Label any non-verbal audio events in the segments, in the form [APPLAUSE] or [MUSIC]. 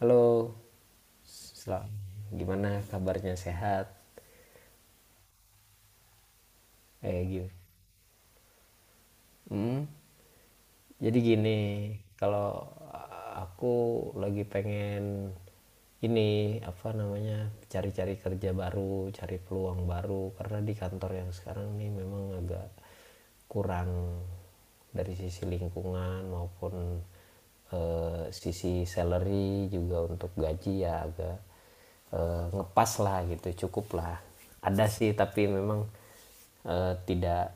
Halo. Selamat. Gimana kabarnya, sehat? Eh, gitu. Hmm, jadi gini, kalau aku lagi pengen, ini apa namanya, cari-cari kerja baru, cari peluang baru, karena di kantor yang sekarang ini memang agak kurang dari sisi lingkungan maupun sisi salary, juga untuk gaji ya agak ngepas lah gitu, cukup lah ada sih, tapi memang tidak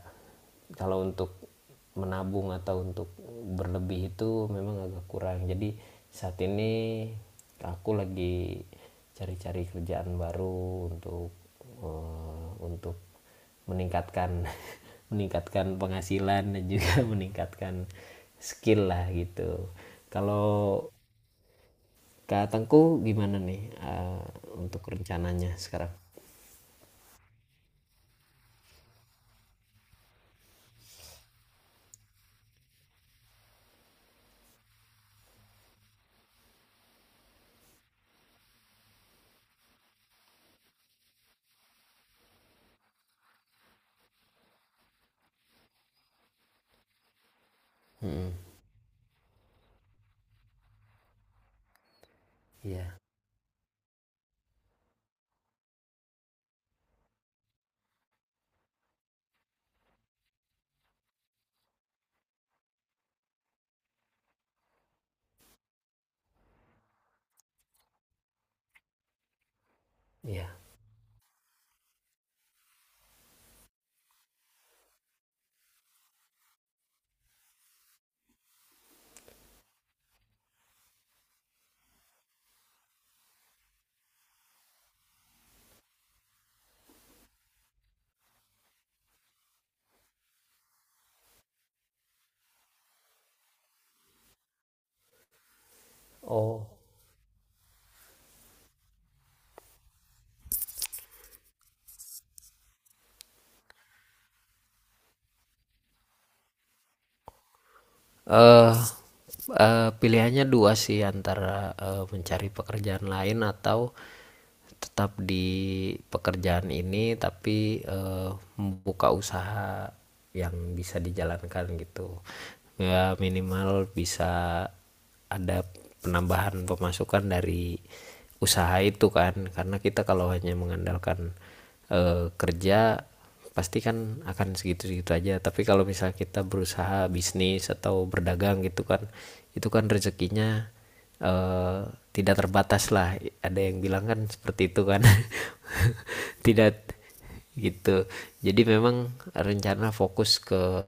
kalau untuk menabung atau untuk berlebih itu memang agak kurang. Jadi saat ini aku lagi cari-cari kerjaan baru untuk eh, untuk meningkatkan [LAUGHS] meningkatkan penghasilan, dan juga [LAUGHS] meningkatkan skill lah, gitu. Kalau Kak Tengku gimana nih, untuk rencananya sekarang? Mm-mm. Iya, hmm. Iya. Yeah. Yeah. Oh. Eh, Pilihannya dua sih, antara mencari pekerjaan lain, atau tetap di pekerjaan ini tapi membuka usaha yang bisa dijalankan, gitu. Ya minimal bisa ada penambahan pemasukan dari usaha itu kan, karena kita kalau hanya mengandalkan kerja pasti kan akan segitu-segitu aja, tapi kalau misalnya kita berusaha bisnis atau berdagang gitu kan, itu kan rezekinya eh, tidak terbatas lah, ada yang bilang kan seperti itu kan. [LAUGHS] Tidak, gitu. Jadi memang rencana fokus ke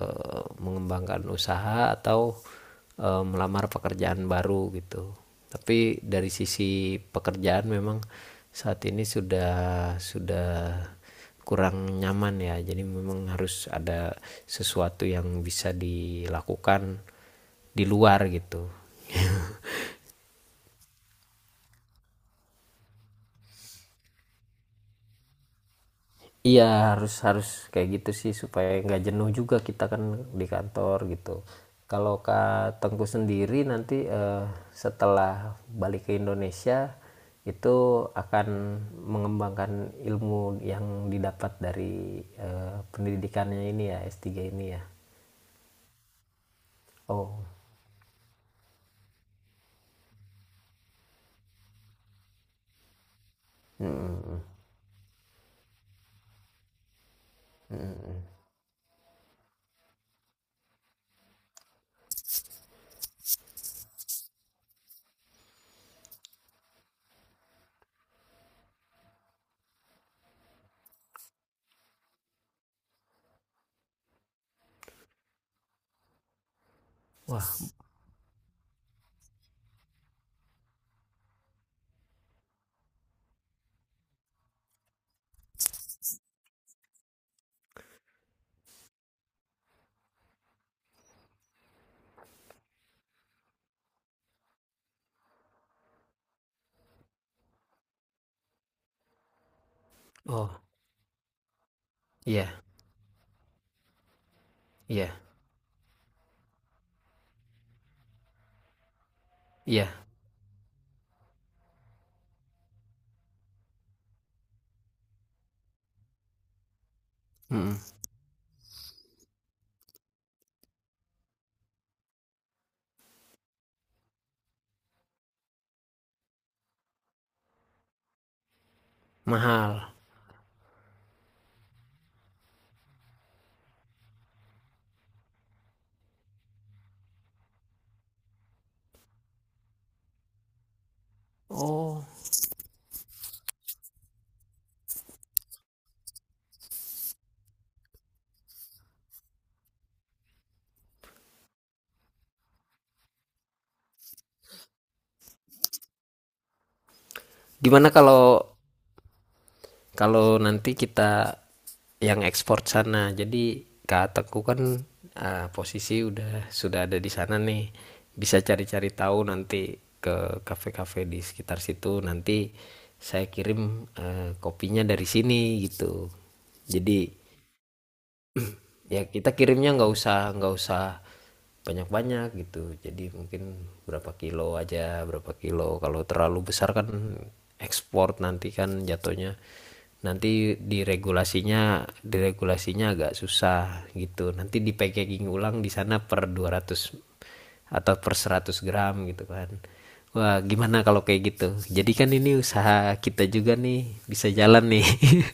mengembangkan usaha atau melamar pekerjaan baru gitu, tapi dari sisi pekerjaan memang saat ini sudah kurang nyaman ya, jadi memang harus ada sesuatu yang bisa dilakukan di luar, gitu. Iya, harus harus kayak gitu sih, supaya nggak jenuh juga kita kan di kantor, gitu. Kalau Kak Tengku sendiri nanti, setelah balik ke Indonesia itu akan mengembangkan ilmu yang didapat dari pendidikannya ini ya, S3 ini ya. Oh, mm. Wah, oh iya iya iya. Mm. Mahal. Oh, gimana kalau kalau nanti kita yang ekspor sana, jadi Kak Teku kan posisi sudah ada di sana nih, bisa cari-cari tahu nanti ke kafe-kafe di sekitar situ, nanti saya kirim kopinya dari sini, gitu, jadi ya kita kirimnya nggak usah banyak-banyak gitu, jadi mungkin berapa kilo aja, berapa kilo, kalau terlalu besar kan ekspor nanti kan jatuhnya, nanti diregulasinya diregulasinya agak susah gitu, nanti di packaging ulang di sana per 200 atau per 100 gram gitu kan. Wah, gimana kalau kayak gitu? Jadi kan ini usaha kita juga nih, bisa jalan nih.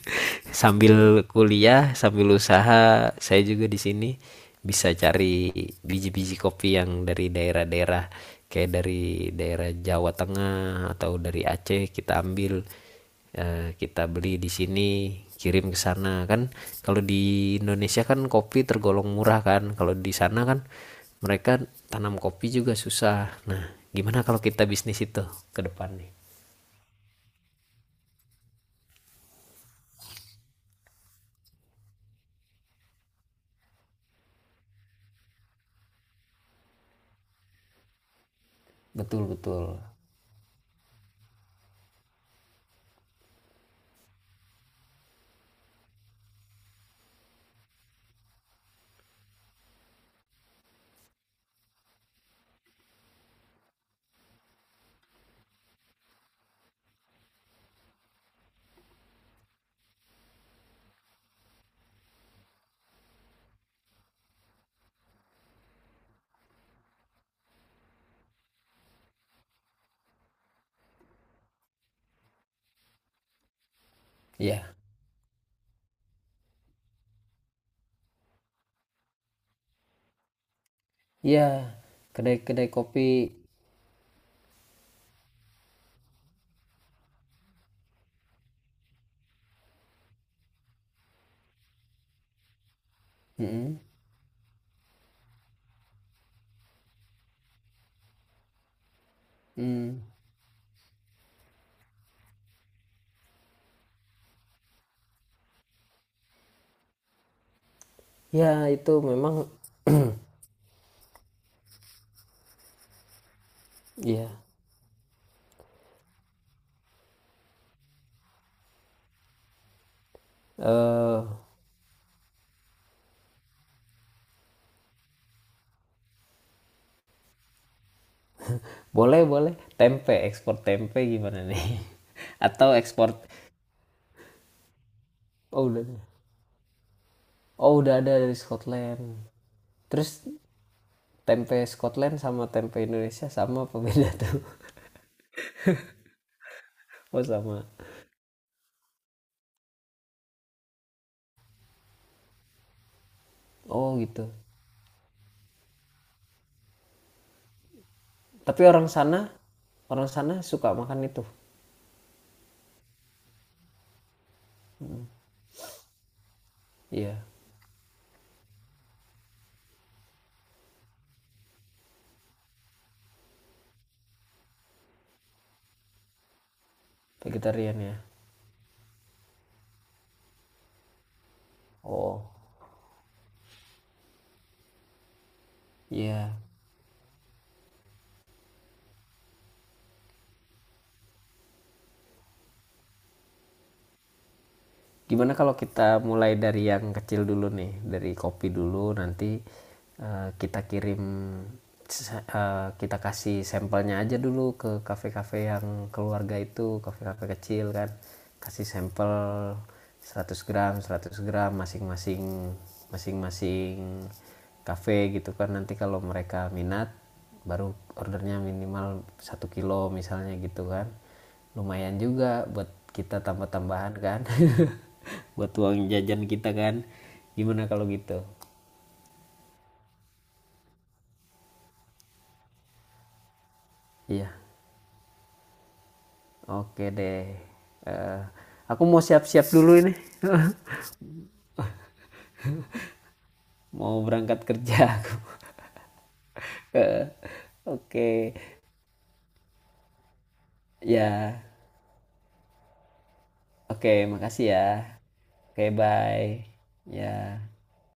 [LAUGHS] Sambil kuliah, sambil usaha, saya juga di sini bisa cari biji-biji kopi yang dari daerah-daerah, kayak dari daerah Jawa Tengah atau dari Aceh, kita ambil, kita beli di sini, kirim ke sana kan. Kalau di Indonesia kan kopi tergolong murah kan, kalau di sana kan mereka tanam kopi juga susah. Nah, gimana kalau kita bisnis itu ke depan nih? Betul betul. Ya ya. Kedai-kedai kopi. Mm-mm. Mm. Ya itu memang. Ya, eh boleh boleh, tempe, ekspor tempe gimana nih? [LAUGHS] Atau ekspor. Oh, udah. Oh, udah ada dari Scotland. Terus tempe Scotland sama tempe Indonesia sama apa beda tuh? [LAUGHS] Oh, sama. Oh, gitu. Tapi orang sana suka makan itu. Iya, vegetarian ya. Oh, iya. Gimana kalau kita mulai dari yang kecil dulu nih, dari kopi dulu, nanti kita kirim kita kasih sampelnya aja dulu ke kafe-kafe yang keluarga itu, kafe-kafe kecil kan, kasih sampel 100 gram 100 gram masing-masing, masing-masing kafe gitu kan, nanti kalau mereka minat baru ordernya minimal 1 kilo misalnya, gitu kan lumayan juga buat kita tambah-tambahan kan. [LAUGHS] Buat uang jajan kita kan, gimana kalau gitu? Iya, oke deh. Eh, aku mau siap-siap dulu ini [LAUGHS] mau berangkat kerja aku. [LAUGHS] Eh, oke. Okay. Ya, oke, okay, makasih ya. Oke, okay, bye. Ya.